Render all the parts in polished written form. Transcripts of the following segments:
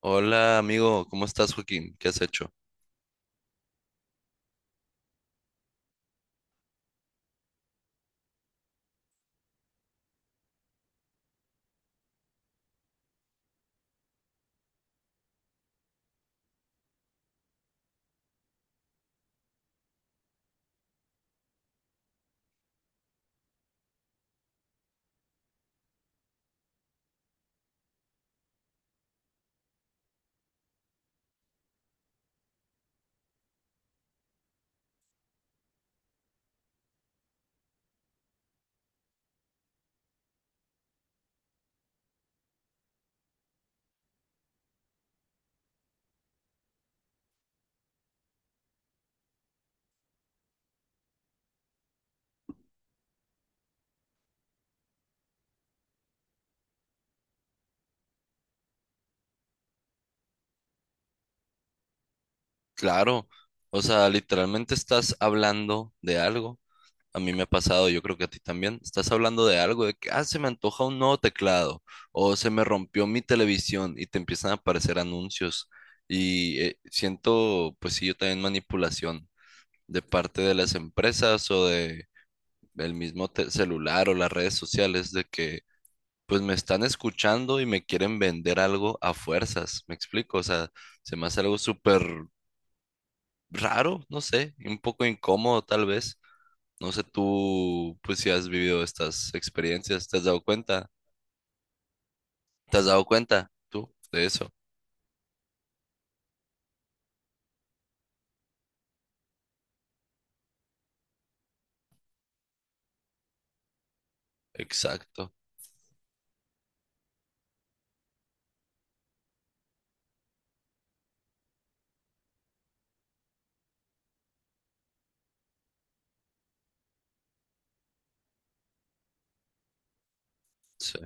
Hola amigo, ¿cómo estás, Joaquín? ¿Qué has hecho? Claro, o sea, literalmente estás hablando de algo. A mí me ha pasado, yo creo que a ti también. Estás hablando de algo, de que, ah, se me antoja un nuevo teclado o se me rompió mi televisión y te empiezan a aparecer anuncios. Y siento, pues sí, yo también manipulación de parte de las empresas o de el mismo celular o las redes sociales de que pues me están escuchando y me quieren vender algo a fuerzas. ¿Me explico? O sea, se me hace algo súper raro, no sé, y un poco incómodo tal vez. No sé tú, pues si has vivido estas experiencias, ¿te has dado cuenta? ¿Te has dado cuenta tú de eso? Exacto. Sí.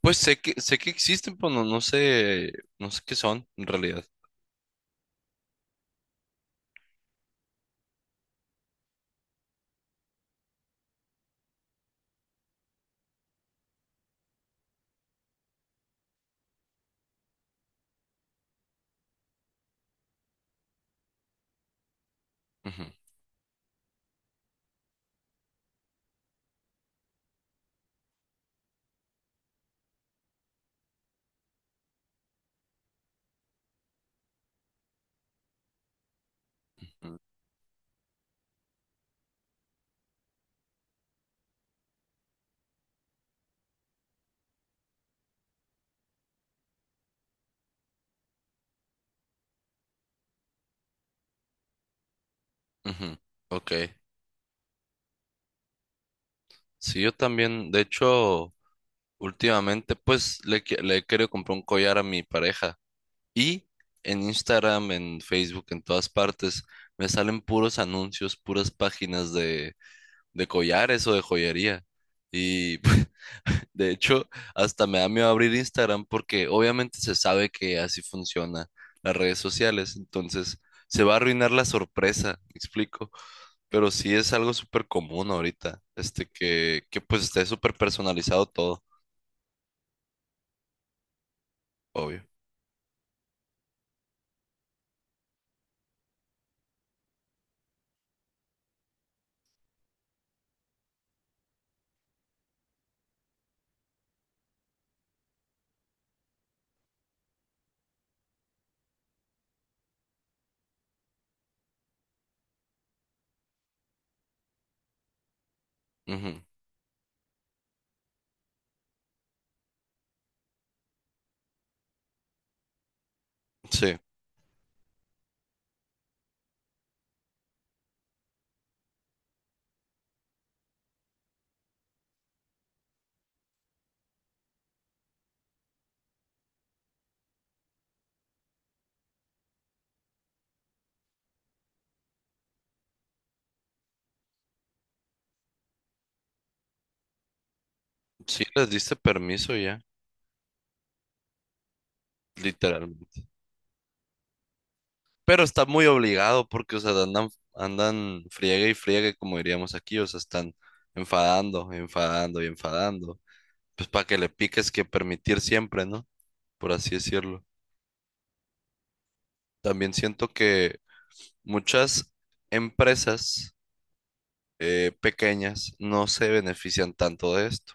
Pues sé que existen, pero no, no sé, no sé qué son en realidad. Ujú, ujú, ujú. Ok. Sí, yo también, de hecho, últimamente pues le, le he querido comprar un collar a mi pareja. Y en Instagram, en Facebook, en todas partes, me salen puros anuncios, puras páginas de collares o de joyería. Y de hecho, hasta me da miedo abrir Instagram porque obviamente se sabe que así funciona las redes sociales. Entonces, se va a arruinar la sorpresa, me explico. Pero sí es algo súper común ahorita, este que pues esté súper personalizado todo, obvio. Ujú. Sí, sí les diste permiso ya, literalmente. Pero está muy obligado porque, o sea, andan, andan friegue y friegue, como diríamos aquí, o sea, están enfadando, enfadando y enfadando. Pues para que le piques que permitir siempre, ¿no? Por así decirlo. También siento que muchas empresas pequeñas no se benefician tanto de esto.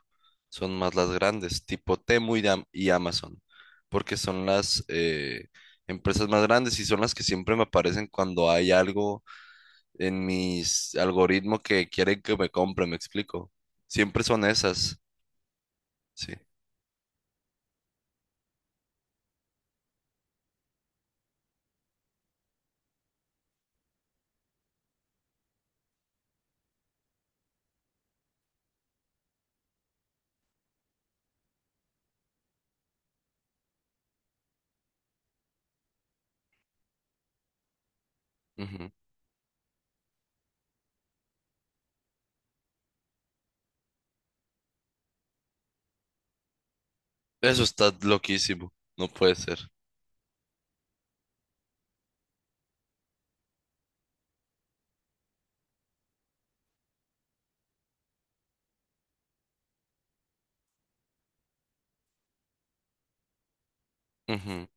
Son más las grandes, tipo Temu y, y Amazon, porque son las empresas más grandes y son las que siempre me aparecen cuando hay algo en mis algoritmos que quieren que me compre, me explico. Siempre son esas, sí. Ujú. Eso está loquísimo, no puede ser. Ujú.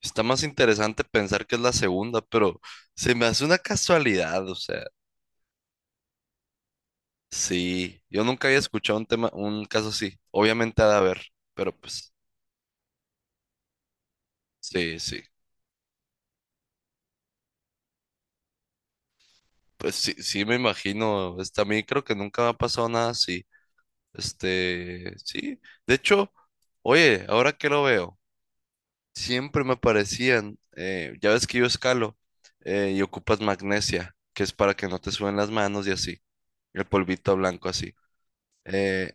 Está más interesante pensar que es la segunda, pero se me hace una casualidad, o sea, sí, yo nunca había escuchado un tema, un caso así. Obviamente ha de haber, pero pues, sí, sí. Pues sí, sí me imagino. Este, a mí creo que nunca me ha pasado nada así. Este, sí. De hecho, oye, ahora que lo veo. Siempre me aparecían, ya ves que yo escalo y ocupas magnesia, que es para que no te suben las manos y así, el polvito blanco así. Eh,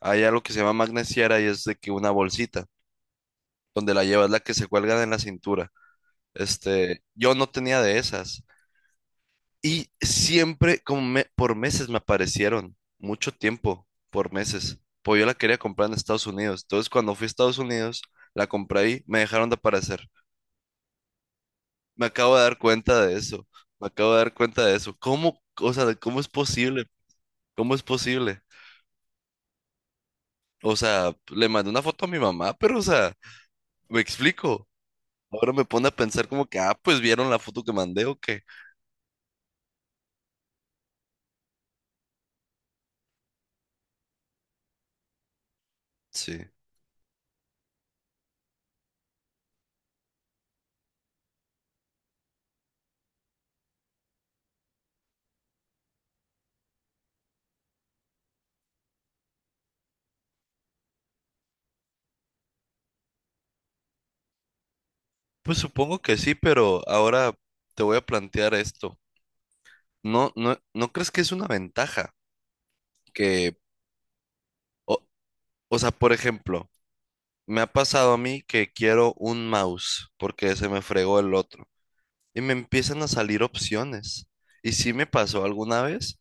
Hay algo que se llama magnesiara y es de que una bolsita, donde la llevas la que se cuelga en la cintura. Este, yo no tenía de esas y siempre, como por meses me aparecieron, mucho tiempo, por meses, pues yo la quería comprar en Estados Unidos. Entonces cuando fui a Estados Unidos, la compré ahí, me dejaron de aparecer. Me acabo de dar cuenta de eso. Me acabo de dar cuenta de eso. ¿Cómo, o sea, cómo es posible? ¿Cómo es posible? O sea, le mandé una foto a mi mamá, pero, o sea, me explico. Ahora me pone a pensar como que, ah, pues vieron la foto que mandé o qué. Sí. Pues supongo que sí, pero ahora te voy a plantear esto. ¿No, no, no crees que es una ventaja? Que, o, o sea, por ejemplo, me ha pasado a mí que quiero un mouse porque se me fregó el otro. Y me empiezan a salir opciones. Y sí me pasó alguna vez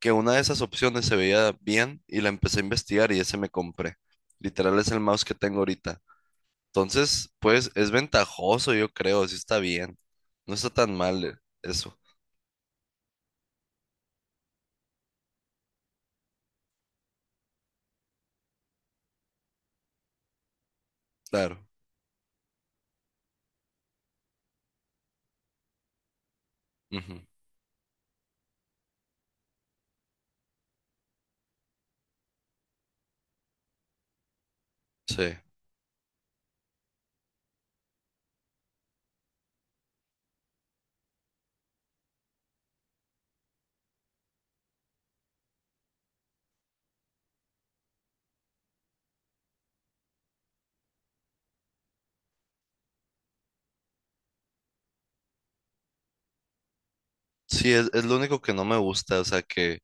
que una de esas opciones se veía bien y la empecé a investigar y ese me compré. Literal es el mouse que tengo ahorita. Entonces, pues es ventajoso, yo creo, sí está bien. No está tan mal eso, claro. Ujú. Sí, sí, es lo único que no me gusta, o sea, que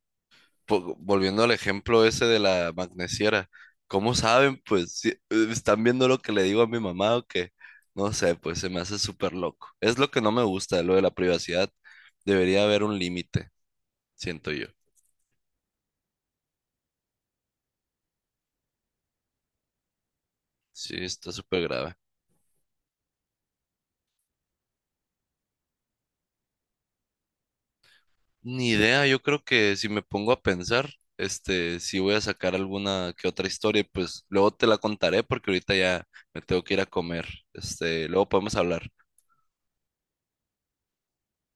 volviendo al ejemplo ese de la magnesiera, ¿cómo saben? Pues están viendo lo que le digo a mi mamá o que no sé, pues se me hace súper loco. Es lo que no me gusta, lo de la privacidad. Debería haber un límite, siento yo. Sí, está súper grave. Ni idea, yo creo que si me pongo a pensar, este, si voy a sacar alguna que otra historia, pues luego te la contaré porque ahorita ya me tengo que ir a comer. Este, luego podemos hablar.